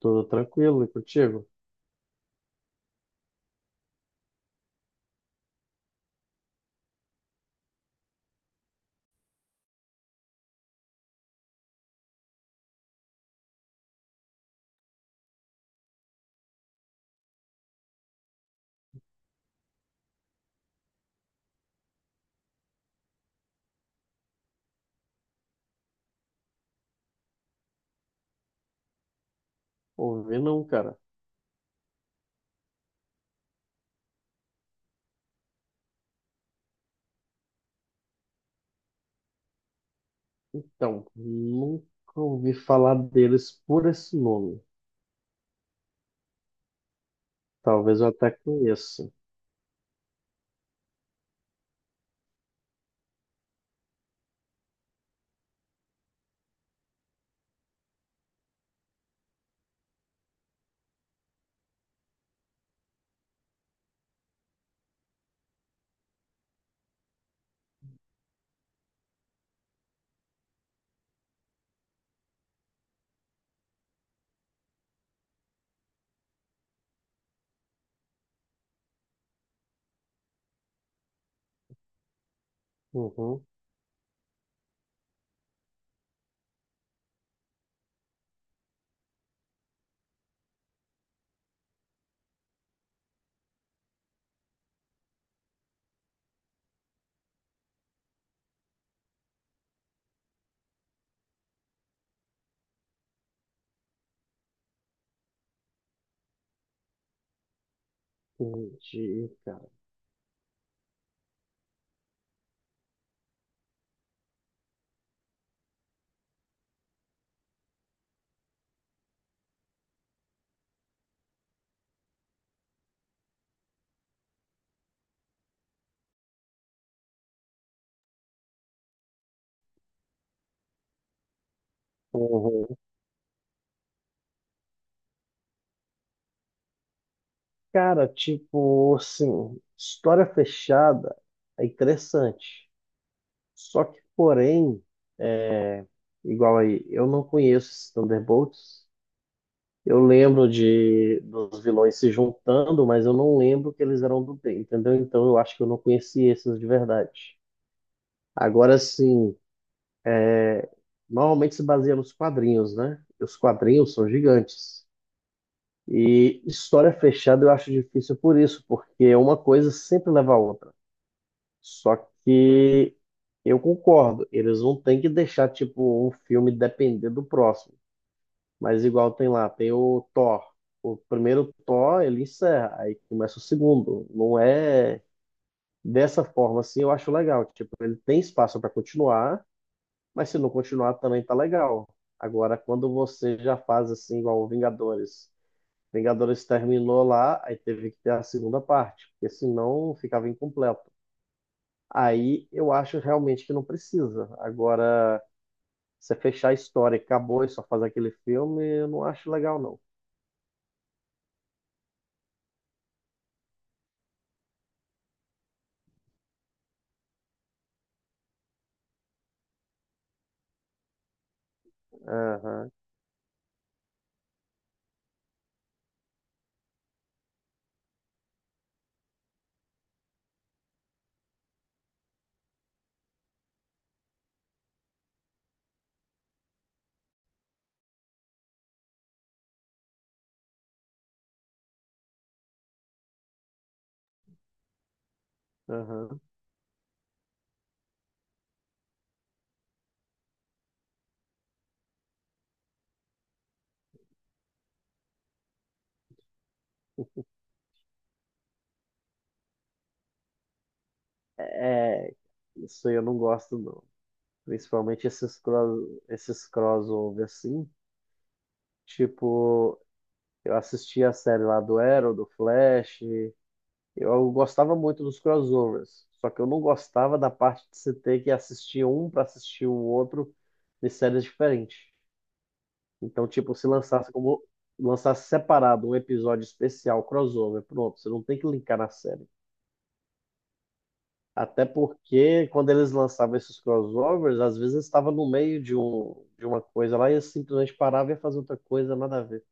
Tudo tranquilo e contigo? Ouvi não, cara. Então, nunca ouvi falar deles por esse nome. Talvez eu até conheça. Uhum, entendi, cara. Uhum. Cara, tipo, assim, história fechada é interessante. Só que, porém, é, igual aí, eu não conheço esses Thunderbolts. Eu lembro de dos vilões se juntando, mas eu não lembro que eles eram do bem, entendeu? Então eu acho que eu não conheci esses de verdade. Agora sim, normalmente se baseia nos quadrinhos, né? E os quadrinhos são gigantes. E história fechada eu acho difícil por isso, porque uma coisa sempre leva a outra. Só que eu concordo, eles não têm que deixar tipo um filme depender do próximo. Mas igual tem lá, tem o Thor. O primeiro Thor, ele encerra, aí começa o segundo. Não é dessa forma assim, eu acho legal. Tipo, ele tem espaço para continuar, mas se não continuar também tá legal. Agora, quando você já faz assim, igual o Vingadores. Vingadores terminou lá, aí teve que ter a segunda parte, porque senão ficava incompleto. Aí eu acho realmente que não precisa. Agora, você fechar a história, e acabou e só fazer aquele filme, eu não acho legal, não. Aham, aham. É, isso aí eu não gosto, não. Principalmente esses cross, esses crossover assim. Tipo, eu assisti a série lá do Arrow, do Flash. Eu gostava muito dos crossovers. Só que eu não gostava da parte de você ter que assistir um para assistir o outro de séries diferentes. Então, tipo, se lançasse como lançasse separado um episódio especial crossover, pronto, você não tem que linkar na série. Até porque quando eles lançavam esses crossovers, às vezes estava no meio de, um, de uma coisa lá e eles simplesmente parava e ia fazer outra coisa, nada a ver.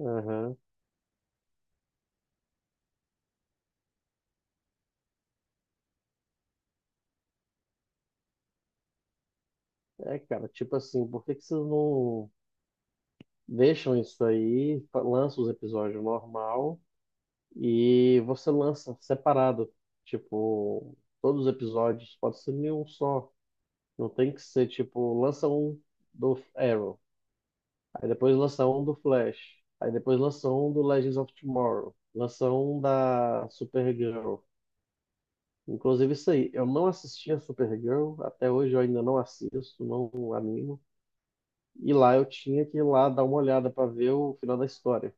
Aham. É, cara, tipo assim, por que que vocês não deixam isso aí, lançam os episódios normal e você lança separado? Tipo, todos os episódios, pode ser nenhum só. Não tem que ser, tipo, lança um do Arrow. Aí depois lança um do Flash. Aí depois lança um do Legends of Tomorrow. Lança um da Supergirl. Inclusive isso aí, eu não assisti a Supergirl, até hoje eu ainda não assisto, não animo. E lá eu tinha que ir lá dar uma olhada pra ver o final da história.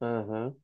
Aham,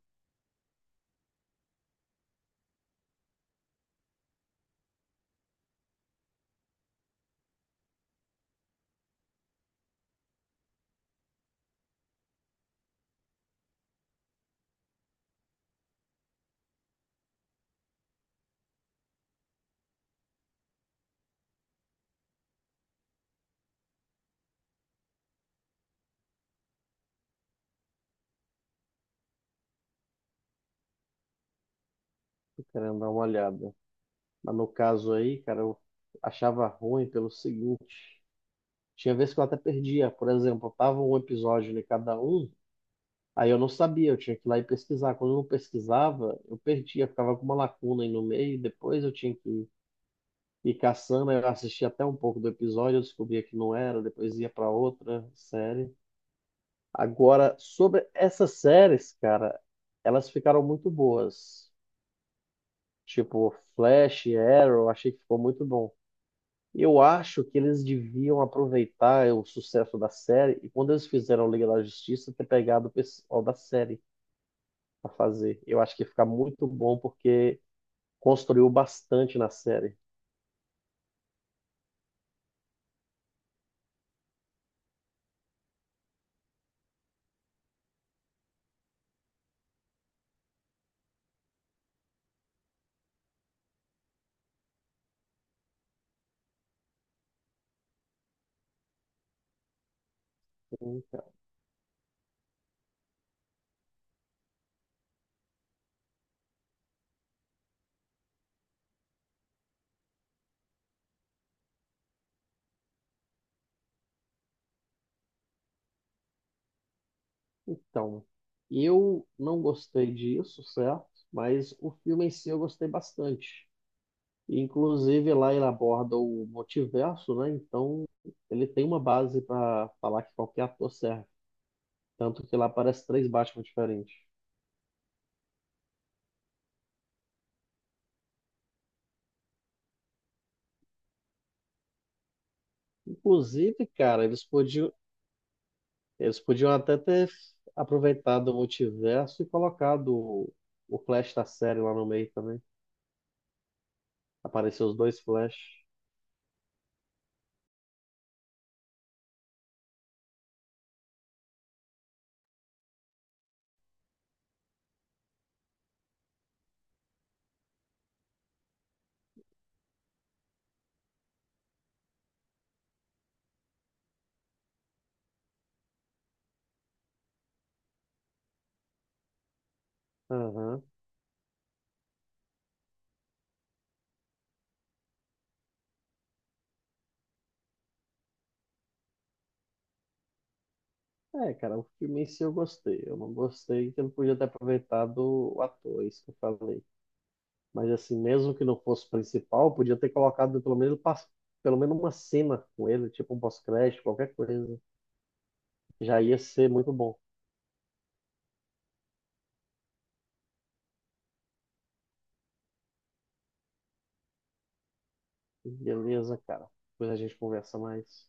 tô querendo dar uma olhada. Mas no caso aí, cara, eu achava ruim pelo seguinte. Tinha vezes que eu até perdia. Por exemplo, tava um episódio em cada um, aí eu não sabia, eu tinha que ir lá e pesquisar. Quando eu não pesquisava, eu perdia, ficava com uma lacuna aí no meio, depois eu tinha que ir caçando, aí eu assistia até um pouco do episódio, eu descobria que não era, depois ia para outra série. Agora, sobre essas séries, cara, elas ficaram muito boas. Tipo, Flash, Arrow, achei que ficou muito bom. Eu acho que eles deviam aproveitar o sucesso da série e quando eles fizeram Liga da Justiça, ter pegado o pessoal da série a fazer. Eu acho que fica muito bom porque construiu bastante na série. Então, eu não gostei disso, certo? Mas o filme em si eu gostei bastante. Inclusive, lá ele aborda o multiverso, né? Então, ele tem uma base para falar que qualquer ator serve. Tanto que lá aparece três Batman diferentes. Inclusive, cara, eles podiam até ter aproveitado o multiverso e colocado o Flash da série lá no meio também. Apareceu os dois Flash. Aham. É, cara, o filme em si eu gostei. Eu não gostei que eu não podia ter aproveitado o ator, é isso que eu falei. Mas assim, mesmo que não fosse o principal, podia ter colocado pelo menos, pelo menos uma cena com ele, tipo um pós-crédito, qualquer coisa. Já ia ser muito bom. Beleza, cara. Depois a gente conversa mais.